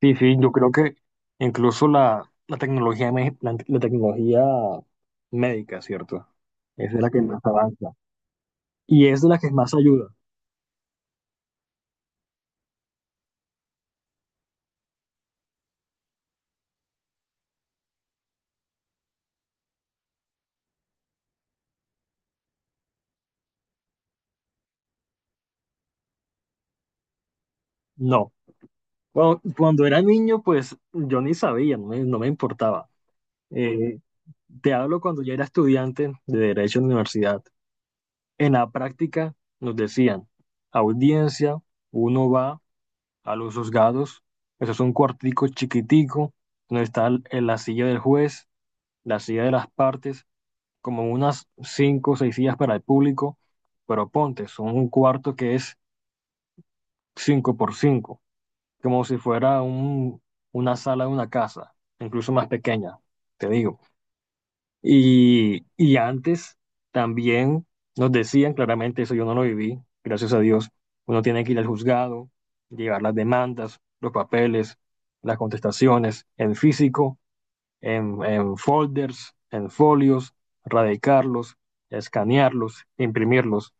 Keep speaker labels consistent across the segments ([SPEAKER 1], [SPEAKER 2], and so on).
[SPEAKER 1] Sí, sí, yo creo que incluso la tecnología, la tecnología médica, ¿cierto? Es de la que más avanza y es de la que más ayuda. No. Cuando era niño, pues yo ni sabía, no me importaba. Eh, Te hablo cuando ya era estudiante de Derecho en la universidad. En la práctica nos decían, audiencia, uno va a los juzgados, eso es un cuartico chiquitico, donde está la silla del juez, la silla de las partes como unas cinco o seis sillas para el público, pero ponte, son un cuarto que es cinco por cinco, como si fuera una sala de una casa, incluso más pequeña, te digo. Y antes también nos decían claramente, eso yo no lo viví, gracias a Dios, uno tiene que ir al juzgado, llevar las demandas, los papeles, las contestaciones en físico en folders, en folios, radicarlos, escanearlos, imprimirlos.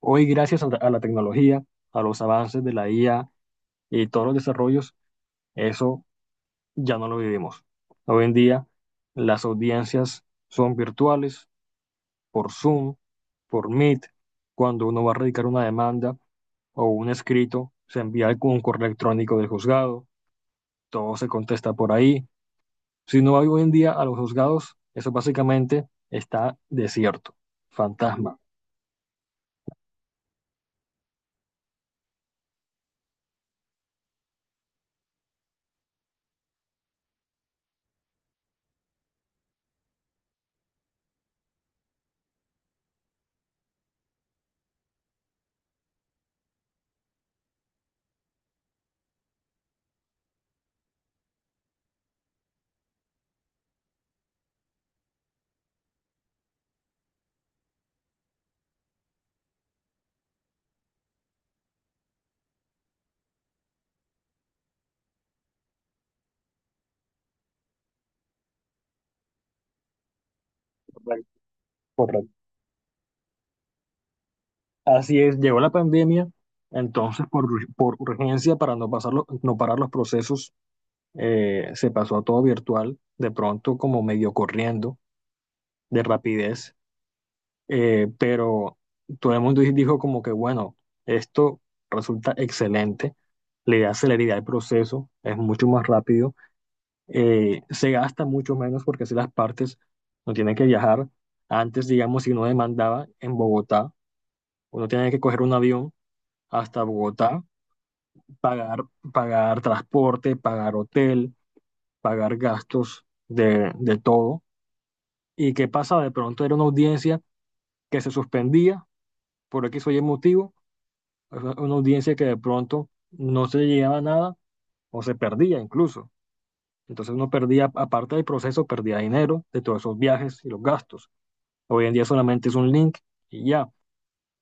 [SPEAKER 1] Hoy, gracias a la tecnología, a los avances de la IA y todos los desarrollos, eso ya no lo vivimos. Hoy en día, las audiencias son virtuales, por Zoom, por Meet. Cuando uno va a radicar una demanda o un escrito, se envía un correo electrónico del juzgado, todo se contesta por ahí. Si no hay hoy en día a los juzgados, eso básicamente está desierto, fantasma. Correcto. Correcto. Así es, llegó la pandemia, entonces por urgencia, para no, pasarlo, no parar los procesos, se pasó a todo virtual, de pronto como medio corriendo, de rapidez, pero todo el mundo dijo como que, bueno, esto resulta excelente, le da celeridad al proceso, es mucho más rápido. Se gasta mucho menos porque así las partes no tienen que viajar. Antes, digamos, si uno demandaba en Bogotá, uno tenía que coger un avión hasta Bogotá, pagar, pagar transporte, pagar hotel, pagar gastos de todo. ¿Y qué pasaba? De pronto era una audiencia que se suspendía por X o Y motivo, una audiencia que de pronto no se llegaba a nada o se perdía incluso. Entonces uno perdía, aparte del proceso, perdía dinero de todos esos viajes y los gastos. Hoy en día solamente es un link y ya.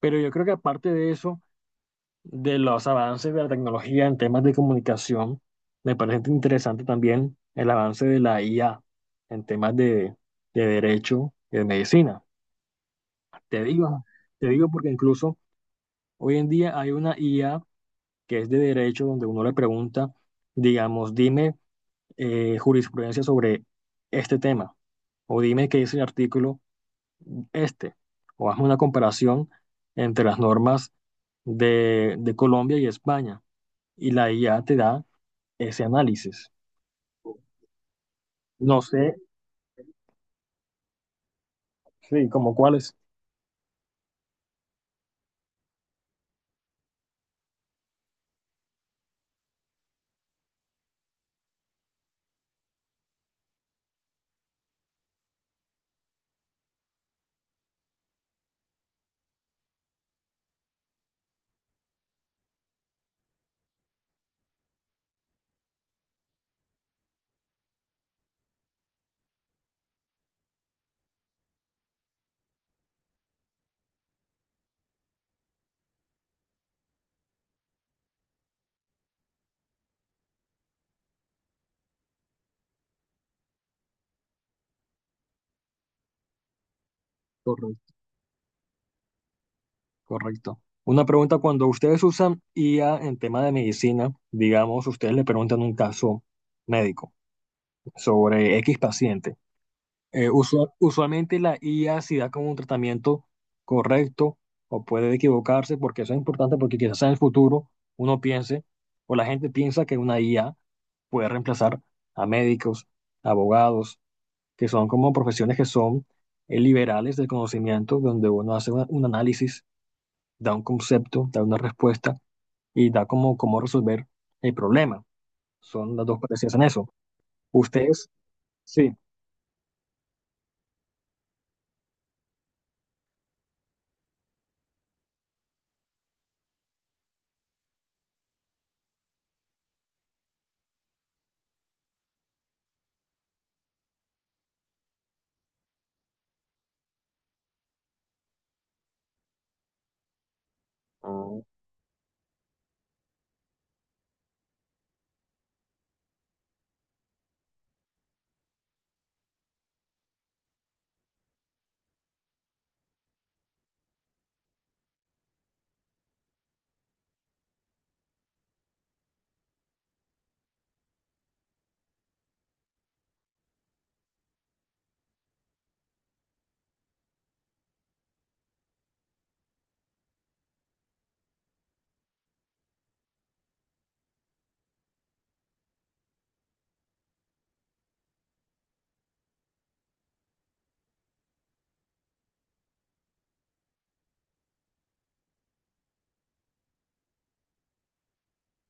[SPEAKER 1] Pero yo creo que aparte de eso, de los avances de la tecnología en temas de comunicación, me parece interesante también el avance de la IA en temas de derecho y de medicina. Te digo, te digo porque incluso hoy en día hay una IA que es de derecho donde uno le pregunta, digamos, dime jurisprudencia sobre este tema o dime qué dice el artículo este, o haz una comparación entre las normas de Colombia y España, y la IA te da ese análisis. No sé, sí, como cuáles. Correcto. Correcto. Una pregunta, cuando ustedes usan IA en tema de medicina, digamos, ustedes le preguntan un caso médico sobre X paciente. Usualmente la IA si da como un tratamiento correcto o puede equivocarse, porque eso es importante porque quizás en el futuro uno piense o la gente piensa que una IA puede reemplazar a médicos, abogados, que son como profesiones que son liberales del conocimiento, donde uno hace un análisis, da un concepto, da una respuesta y da como cómo resolver el problema. Son las dos parecidas en eso. Ustedes, sí, mm,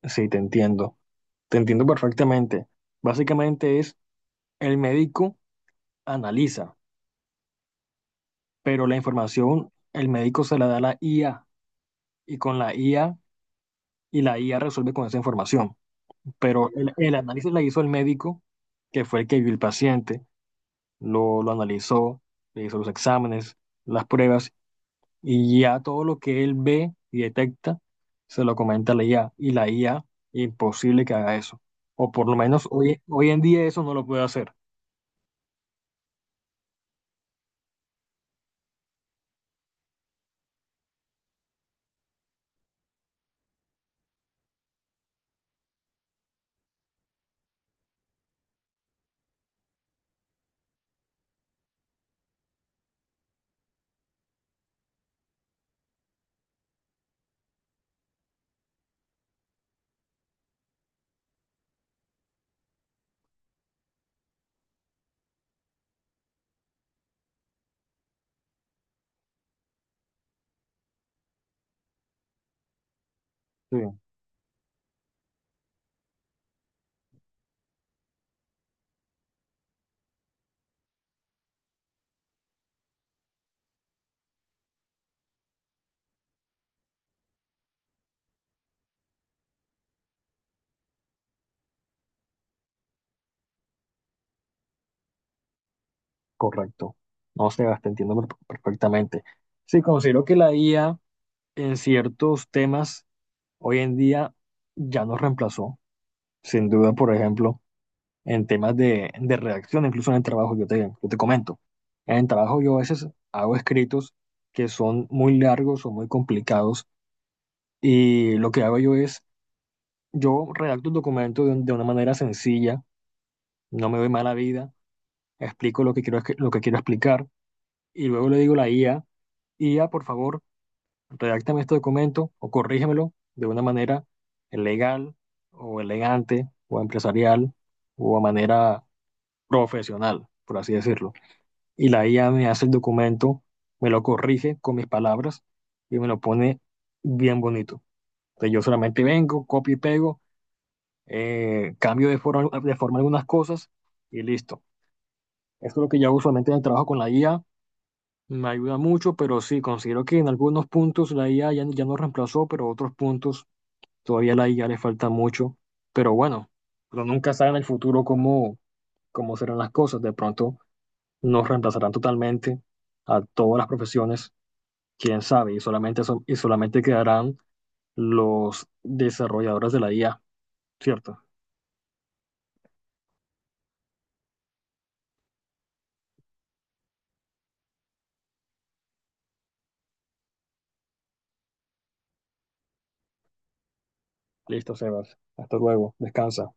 [SPEAKER 1] sí, te entiendo. Te entiendo perfectamente. Básicamente es el médico analiza, pero la información el médico se la da a la IA y con la IA y la IA resuelve con esa información. Pero el análisis la hizo el médico, que fue el que vio el paciente, lo analizó, le hizo los exámenes, las pruebas y ya todo lo que él ve y detecta se lo comenta a la IA y la IA imposible que haga eso. O por lo menos hoy en día eso no lo puede hacer. Correcto. No, Sebas, perfectamente. Sí, considero que la IA en ciertos temas hoy en día ya nos reemplazó, sin duda, por ejemplo, en temas de redacción, incluso en el trabajo, yo te comento. En el trabajo yo a veces hago escritos que son muy largos o muy complicados y lo que hago yo es, yo redacto el documento de una manera sencilla, no me doy mala vida, explico lo que quiero, lo que quiero explicar y luego le digo a la IA, IA, por favor redáctame este documento o corrígemelo de una manera legal o elegante o empresarial o a manera profesional, por así decirlo. Y la IA me hace el documento, me lo corrige con mis palabras y me lo pone bien bonito. Entonces yo solamente vengo, copio y pego, cambio de forma algunas cosas y listo. Esto es lo que yo usualmente en el trabajo con la IA. Me ayuda mucho, pero sí, considero que en algunos puntos la IA ya nos reemplazó, pero otros puntos todavía la IA le falta mucho, pero bueno, uno nunca sabe en el futuro cómo serán las cosas. De pronto nos reemplazarán totalmente a todas las profesiones, quién sabe, y y solamente quedarán los desarrolladores de la IA, ¿cierto? Listo, Sebas. Hasta luego. Descansa.